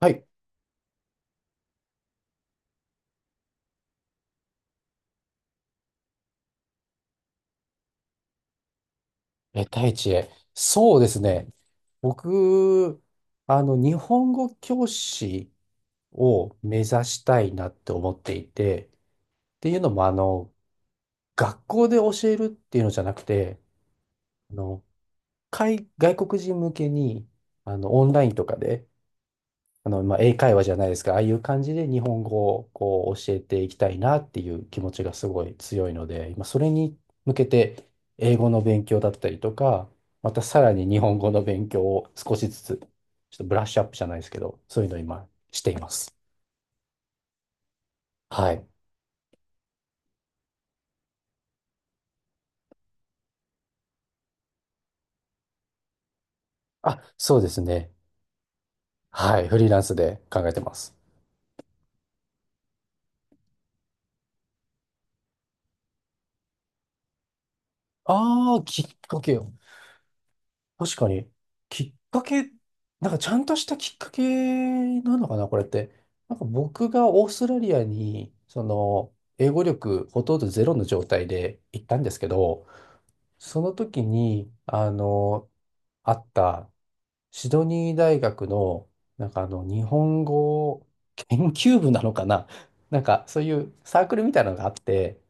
はい。第一へ。そうですね。僕、日本語教師を目指したいなって思っていて、っていうのも、学校で教えるっていうのじゃなくて、あの、外国人向けに、オンラインとかで、まあ、英会話じゃないですか、ああいう感じで日本語をこう教えていきたいなっていう気持ちがすごい強いので、まあ、それに向けて英語の勉強だったりとか、またさらに日本語の勉強を少しずつ、ちょっとブラッシュアップじゃないですけど、そういうのを今しています。はい。あ、そうですね。はい。フリーランスで考えてます。ああ、きっかけ。確かに、きっかけ、なんかちゃんとしたきっかけなのかな、これって。なんか僕がオーストラリアに、英語力ほとんどゼロの状態で行ったんですけど、その時に、あったシドニー大学の、なんか日本語研究部なのかな なんか、そういうサークルみたいなのがあって、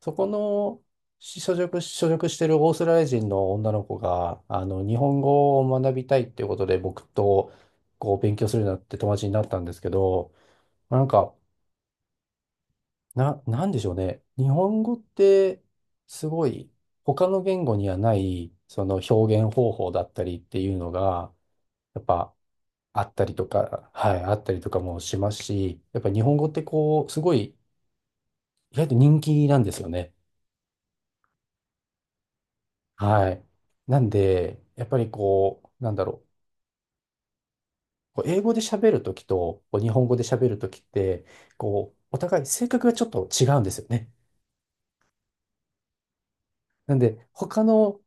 そこの所属してるオーストラリア人の女の子が、日本語を学びたいっていうことで、僕と、こう、勉強するようになって友達になったんですけど、なんか、なんでしょうね。日本語って、すごい、他の言語にはない、その表現方法だったりっていうのが、やっぱあったりとか、はい、あったりとかもしますし、やっぱ日本語ってこう、すごい意外と人気なんですよね。はい。なんで、やっぱりこう、なんだろう。こう英語で喋るときと、こう日本語で喋るときって、こう、お互い性格がちょっと違うんですよね。なんで、他の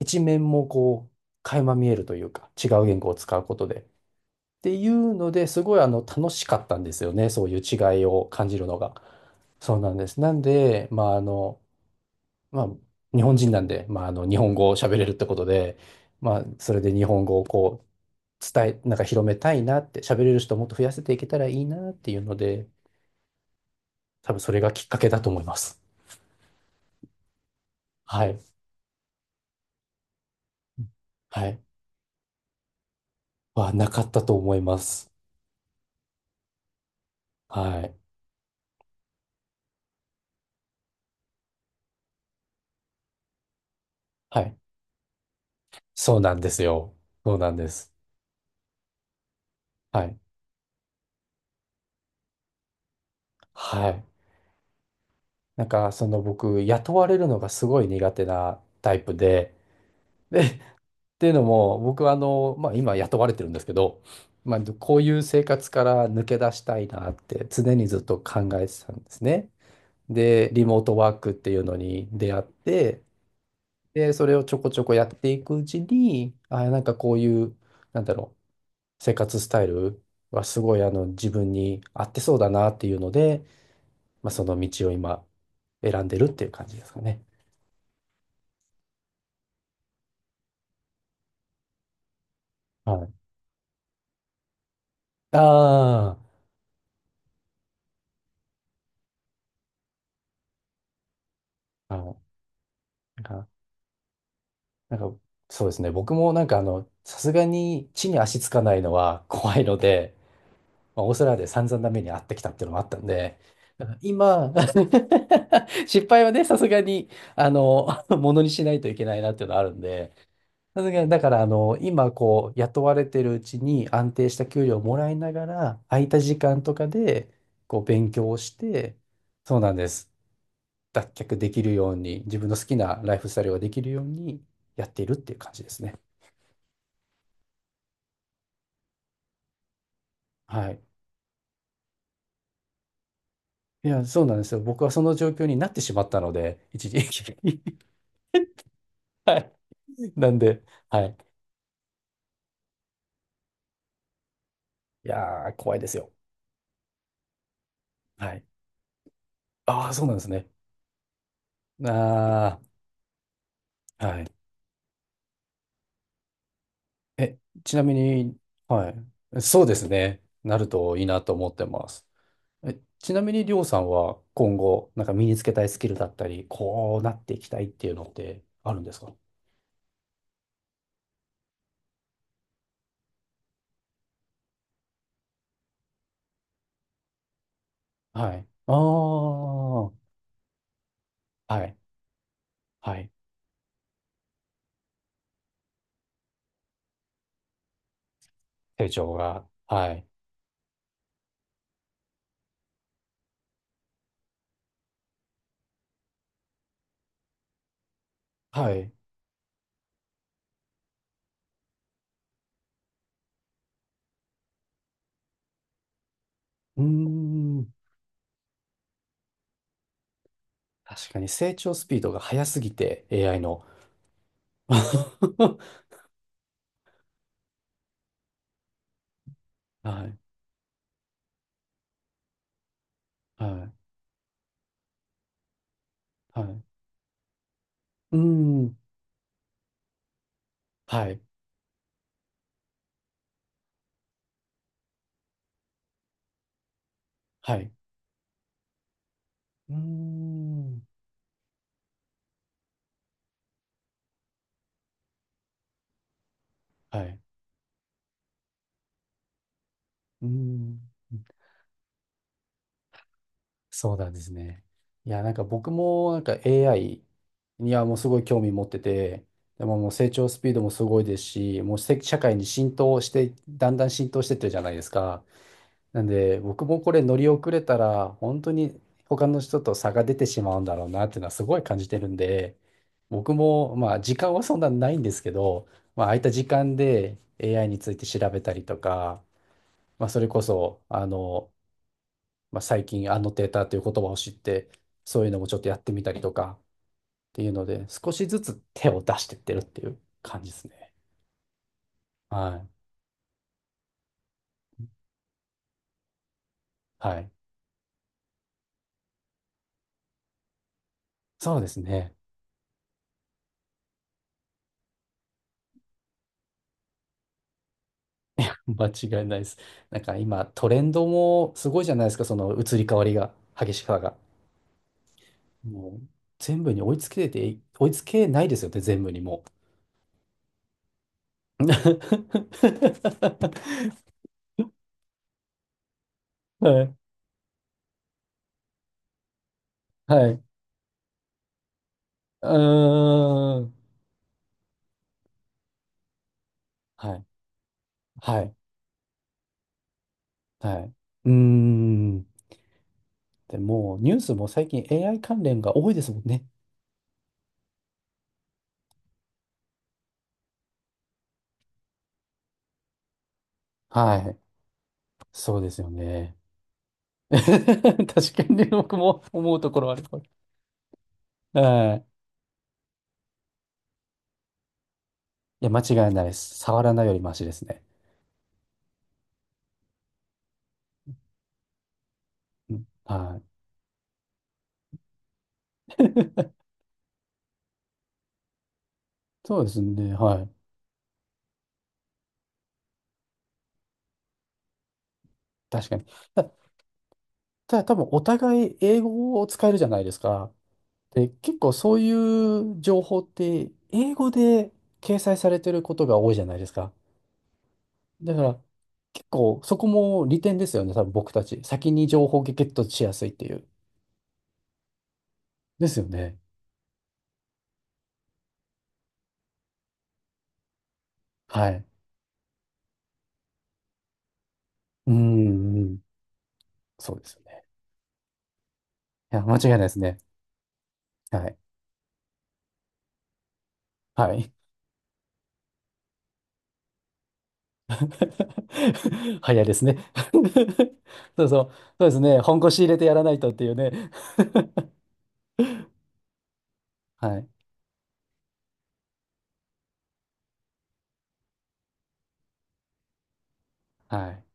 一面もこう、垣間見えるというか、違う言語を使うことで。っていうので、すごい楽しかったんですよね。そういう違いを感じるのが。そうなんです。なんで、まあ、まあ、日本人なんで、まあ、日本語を喋れるってことで、まあ、それで日本語をこう、伝え、なんか広めたいなって、喋れる人をもっと増やせていけたらいいなっていうので、多分それがきっかけだと思います。はい。はい。なかったと思います。はい。はい。そうなんですよ。そうなんです。はい。はい。なんか、僕、雇われるのがすごい苦手なタイプで、で、っていうのも、僕はまあ、今雇われてるんですけど、まあ、こういう生活から抜け出したいなって常にずっと考えてたんですね。で、リモートワークっていうのに出会って、で、それをちょこちょこやっていくうちに、あ、なんかこういう、なんだろう、生活スタイルはすごいあの自分に合ってそうだなっていうので、まあ、その道を今選んでるっていう感じですかね。はい。ああ、はい。なんか、そうですね。僕もなんかさすがに地に足つかないのは怖いので、まあ、オーストラリアで散々な目に遭ってきたっていうのもあったんで、だから今、失敗はね、さすがに、ものにしないといけないなっていうのはあるんで、さすがに、だから今こう、雇われてるうちに安定した給料をもらいながら、空いた時間とかで、こう、勉強をして、そうなんです。脱却できるように、自分の好きなライフスタイルができるようにやっているっていう感じですね。はい。いや、そうなんですよ。僕はその状況になってしまったので、一時期。はい。なんで、はい。いやー、怖いですよ。はい。ああ、そうなんですね。ああ、はい。え、ちなみに、はい。そうですね。なるといいなと思ってます。ちなみに、りょうさんは今後、なんか身につけたいスキルだったり、こうなっていきたいっていうのってあるんですか？はい。ああ、はい。はい。成長が。はい。はい。うーん。確かに成長スピードが速すぎて、AI の。はい、はい、はい。うーん、はい、はい。うーん、はい。うーん、そうなんですね。いや、なんか僕もなんか AI にはもうすごい興味持ってて、でももう成長スピードもすごいですし、もう社会に浸透して、だんだん浸透してってるじゃないですか。なんで、僕もこれ乗り遅れたら、本当に他の人と差が出てしまうんだろうなっていうのはすごい感じてるんで、僕も、まあ、時間はそんなないんですけど、まあ、空いた時間で AI について調べたりとか、まあ、それこそ、まあ、最近、アノテーターという言葉を知って、そういうのもちょっとやってみたりとかっていうので、少しずつ手を出してってるっていう感じですね。はい。はい。そうですね。間違いないです。なんか今、トレンドもすごいじゃないですか、その移り変わりが、激しさが。もう、全部に追いつけて、追いつけないですよね、全部にもう。はい。はい。うーん。はい。はい。はい。うーん。でもう、ニュースも最近 AI 関連が多いですもんね。はい。そうですよね。確かに、僕も思うところはある。はい。いや、間違いないです。触らないよりマシですね。うんはい。そうですね。はい。確かに。たただ、多分お互い英語を使えるじゃないですか。で、結構そういう情報って、英語で掲載されてることが多いじゃないですか。だから、結構そこも利点ですよね。多分僕たち。先に情報をゲットしやすいっていう。ですよね。はい。うん、うん。そうですよね。いや、間違いないですね。はい。はい。早いですね そうそう。そうですね。本腰入れてやらないとっていうね はい。はい。